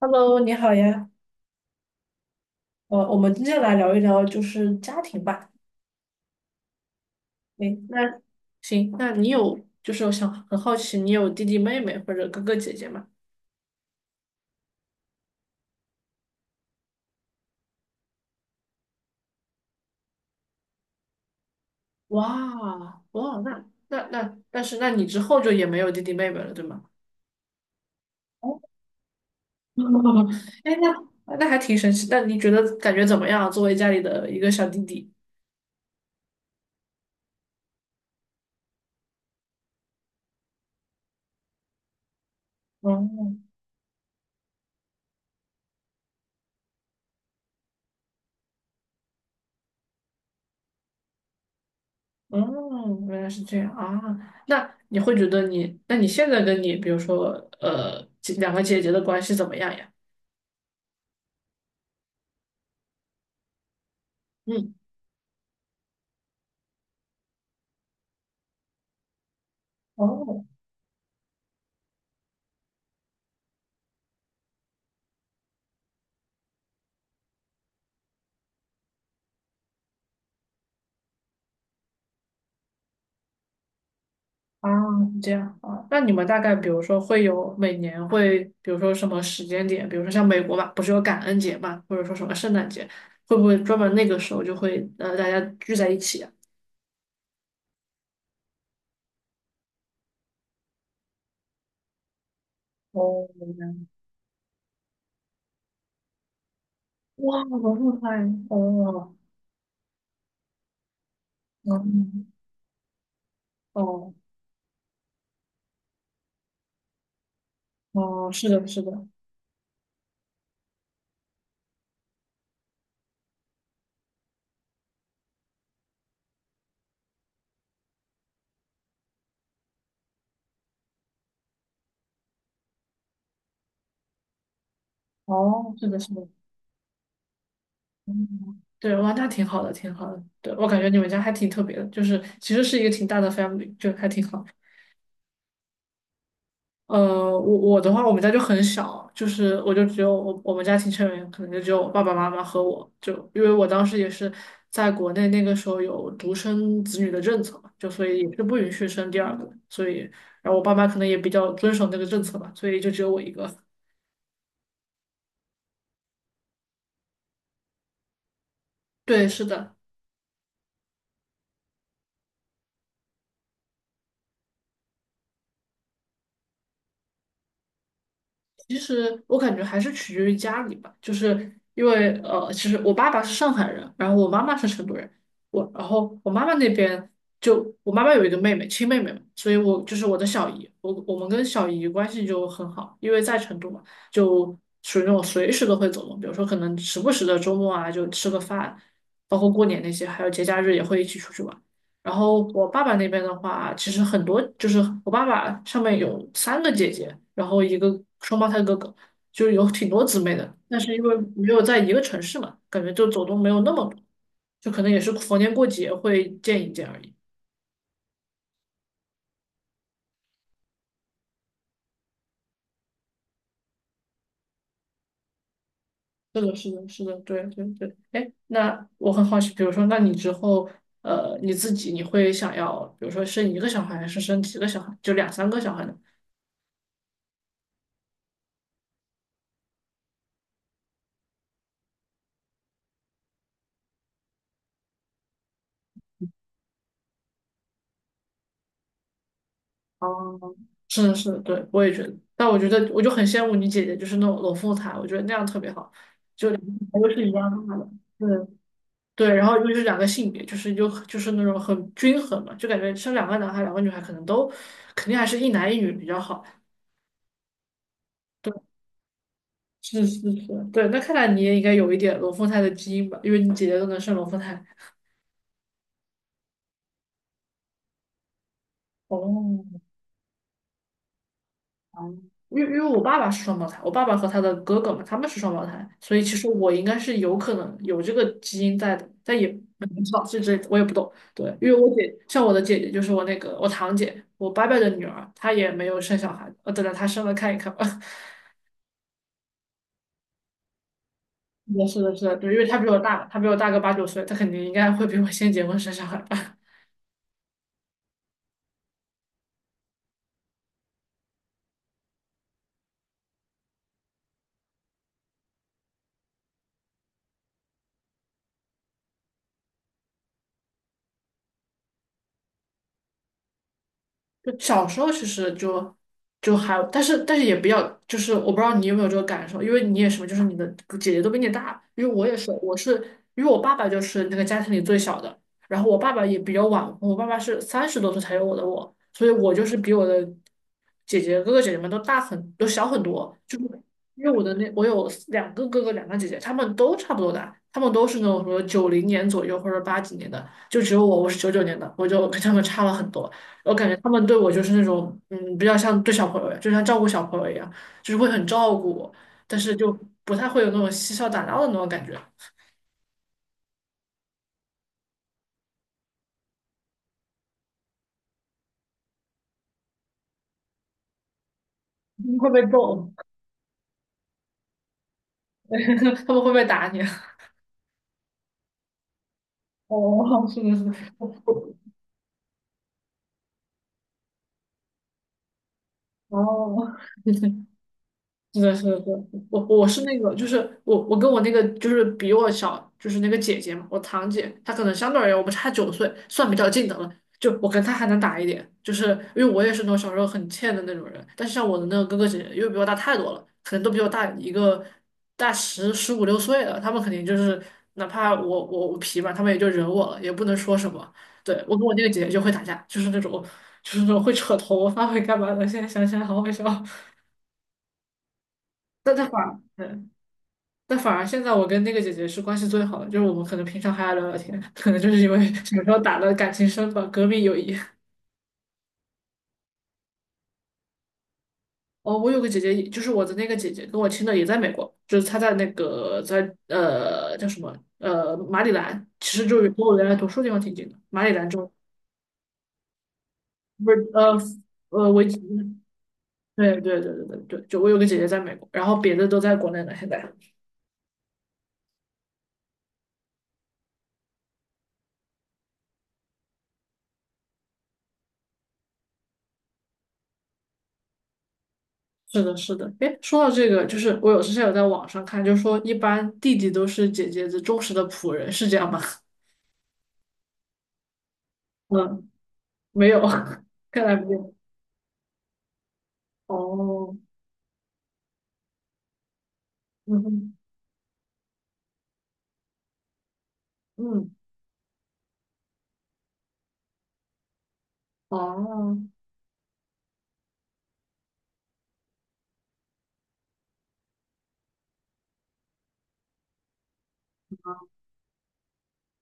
Hello，你好呀。我们今天来聊一聊就是家庭吧。诶，那行，那你有就是我想很好奇，你有弟弟妹妹或者哥哥姐姐吗？哇哇，那，但是那你之后就也没有弟弟妹妹了，对吗？哦，哎，那还挺神奇。那你觉得感觉怎么样？作为家里的一个小弟弟？哦哦，原来是这样啊。那你会觉得你，那你现在跟你比如说两个姐姐的关系怎么样呀？嗯。哦，啊，这样啊，那你们大概比如说会有每年会，比如说什么时间点，比如说像美国吧，不是有感恩节嘛，或者说什么圣诞节，会不会专门那个时候就会大家聚在一起啊？哦，明白。哇，我这么快。哦，嗯，哦，哦，是的，是的，哦，是的，是的，嗯，对，哇，那挺好的，挺好的。对，我感觉你们家还挺特别的，就是其实是一个挺大的 family，就还挺好。呃，我的话，我们家就很小，就是我就只有我我们家庭成员可能就只有我爸爸妈妈和我，就因为我当时也是在国内那个时候有独生子女的政策嘛，就所以也是不允许生第二个，所以然后我爸妈可能也比较遵守那个政策吧，所以就只有我一个。对，是的。其实我感觉还是取决于家里吧，就是因为其实我爸爸是上海人，然后我妈妈是成都人，我然后我妈妈那边就我妈妈有一个妹妹，亲妹妹嘛，所以我就是我的小姨，我们跟小姨关系就很好，因为在成都嘛，就属于那种随时都会走动，比如说可能时不时的周末啊就吃个饭，包括过年那些，还有节假日也会一起出去玩。然后我爸爸那边的话，其实很多就是我爸爸上面有三个姐姐，然后一个双胞胎哥哥，就有挺多姊妹的。但是因为没有在一个城市嘛，感觉就走动没有那么多，就可能也是逢年过节会见一见而已。是的，是的，是的，对对对。哎，那我很好奇，比如说，那你之后，你自己你会想要，比如说生一个小孩，还是生几个小孩，就两三个小孩呢？哦，是是，对，我也觉得。但我觉得，我就很羡慕你姐姐，就是那种龙凤胎，我觉得那样特别好，都是一样大的。对对，然后又是两个性别，就是那种很均衡嘛，就感觉生两个男孩、两个女孩，可能都肯定还是一男一女比较好。是是是，对。那看来你也应该有一点龙凤胎的基因吧，因为你姐姐都能生龙凤胎。哦，嗯。因为我爸爸是双胞胎，我爸爸和他的哥哥嘛，他们是双胞胎，所以其实我应该是有可能有这个基因在的，但也不知道，这我也不懂。对，因为我姐像我的姐姐，就是我那个我堂姐，我伯伯的女儿，她也没有生小孩，等着她生了看一看吧。是的，是的，是的，对，因为她比我大，她比我大个8、9岁，她肯定应该会比我先结婚生小孩吧。就小时候其实就还，但是也比较，就是我不知道你有没有这个感受，因为你也是嘛，就是你的姐姐都比你大，因为我也是，我是因为我爸爸就是那个家庭里最小的，然后我爸爸也比较晚婚。我爸爸是30多岁才有我，所以我就是比我的哥哥姐姐们都小很多，就是因为我的那我有两个哥哥两个姐姐，他们都差不多大，他们都是那种什么90年左右或者80几年的，就只有我是99年的，我就跟他们差了很多。我感觉他们对我就是那种，嗯，比较像对小朋友，就像照顾小朋友一样，就是会很照顾我，但是就不太会有那种嬉笑打闹的那种感觉。你会被揍，他们会不会打你？哦，是的，是的。哦，是的，是的，对，我我是那个，就是我跟我那个就是比我小，就是那个姐姐嘛，我堂姐，她可能相对而言我们差九岁，算比较近的了。就我跟她还能打一点，就是因为我也是那种小时候很欠的那种人，但是像我的那个哥哥姐姐，因为比我大太多了，可能都比我大一个大十五六岁了，他们肯定就是哪怕我皮吧，他们也就忍我了，也不能说什么。对，我跟我那个姐姐就会打架，就是那种就是那种会扯头发会干嘛的，现在想起来好好笑，但她反。但反而现在我跟那个姐姐是关系最好的，就是我们可能平常还要聊聊天，可能就是因为小时候打的感情深吧，革命友谊。哦，我有个姐姐，就是我的那个姐姐，跟我亲的也在美国，就是她在那个在叫什么马里兰，其实就是跟我原来读书地方挺近的，马里兰州。不是呃呃维吉对对对对对对，就我有个姐姐在美国，然后别的都在国内呢，现在。是的，是的。哎，说到这个，就是我有之前有在网上看，就说一般弟弟都是姐姐的忠实的仆人，是这样吗？嗯，没有。看来没有。哦，嗯哼嗯，哦，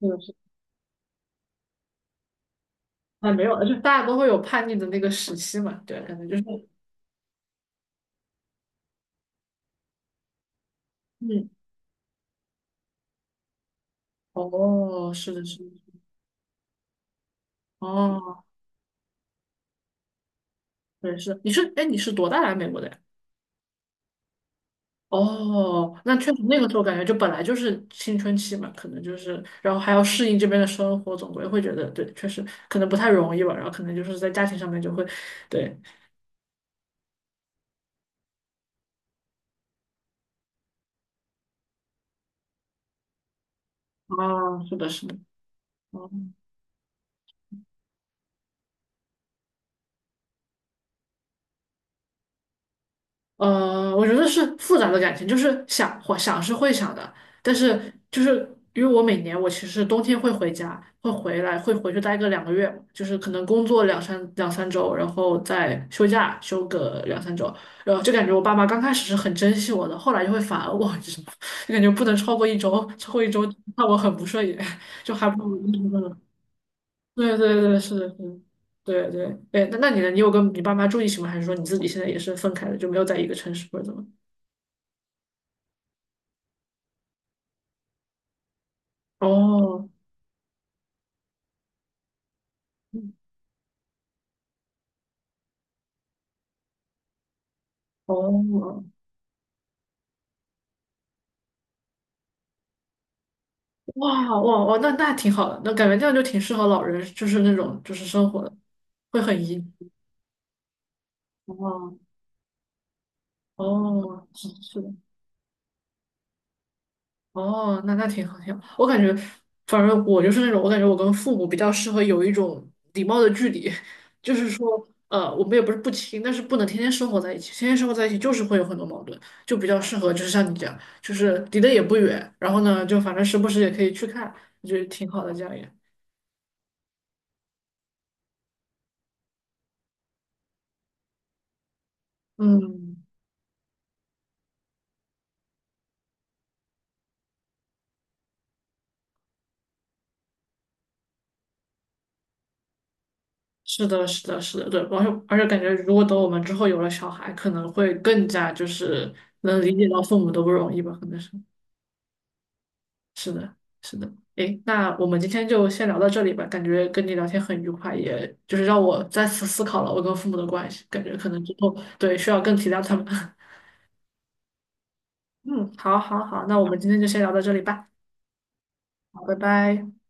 是的，是的。哎，没有了，就大家都会有叛逆的那个时期嘛，对，可能就是，嗯，哦，是的，是的，哦，对，是的你是。哎，你是多大来美国的呀？哦，那确实那个时候感觉就本来就是青春期嘛，可能就是，然后还要适应这边的生活，总归会觉得对，确实可能不太容易吧，然后可能就是在家庭上面就会，对，哦，是的，是的，哦。我觉得是复杂的感情，就是想会想是会想的，但是就是因为我每年我其实冬天会回家，会回来，会回去待个2个月，就是可能工作两三周，然后再休假休个两三周，然后就感觉我爸妈刚开始是很珍惜我的，后来就会反而我，就是就感觉不能超过一周，超过一周看我很不顺眼，就还不如一周了。对对对，是的，是的，对对。哎，那你呢？你有跟你爸妈住一起吗？还是说你自己现在也是分开的，就没有在一个城市或者怎么？哦，哦，哇哇哇，那挺好的，那感觉这样就挺适合老人，就是那种就是生活的，会很宜居。哦哦，是是的，哦，那挺好挺好。我感觉，反正我就是那种，我感觉我跟父母比较适合有一种礼貌的距离，就是说，我们也不是不亲，但是不能天天生活在一起，天天生活在一起就是会有很多矛盾，就比较适合就是像你这样，就是离得也不远，然后呢，就反正时不时也可以去看，我觉得挺好的这样。也。嗯，是的，是的，是的，对，而且感觉，如果等我们之后有了小孩，可能会更加就是能理解到父母的不容易吧，可能是，是的，是的。诶，那我们今天就先聊到这里吧，感觉跟你聊天很愉快，也就是让我再次思考了我跟父母的关系，感觉可能之后对需要更体谅他们。嗯，好，好，好，那我们今天就先聊到这里吧，好，拜拜。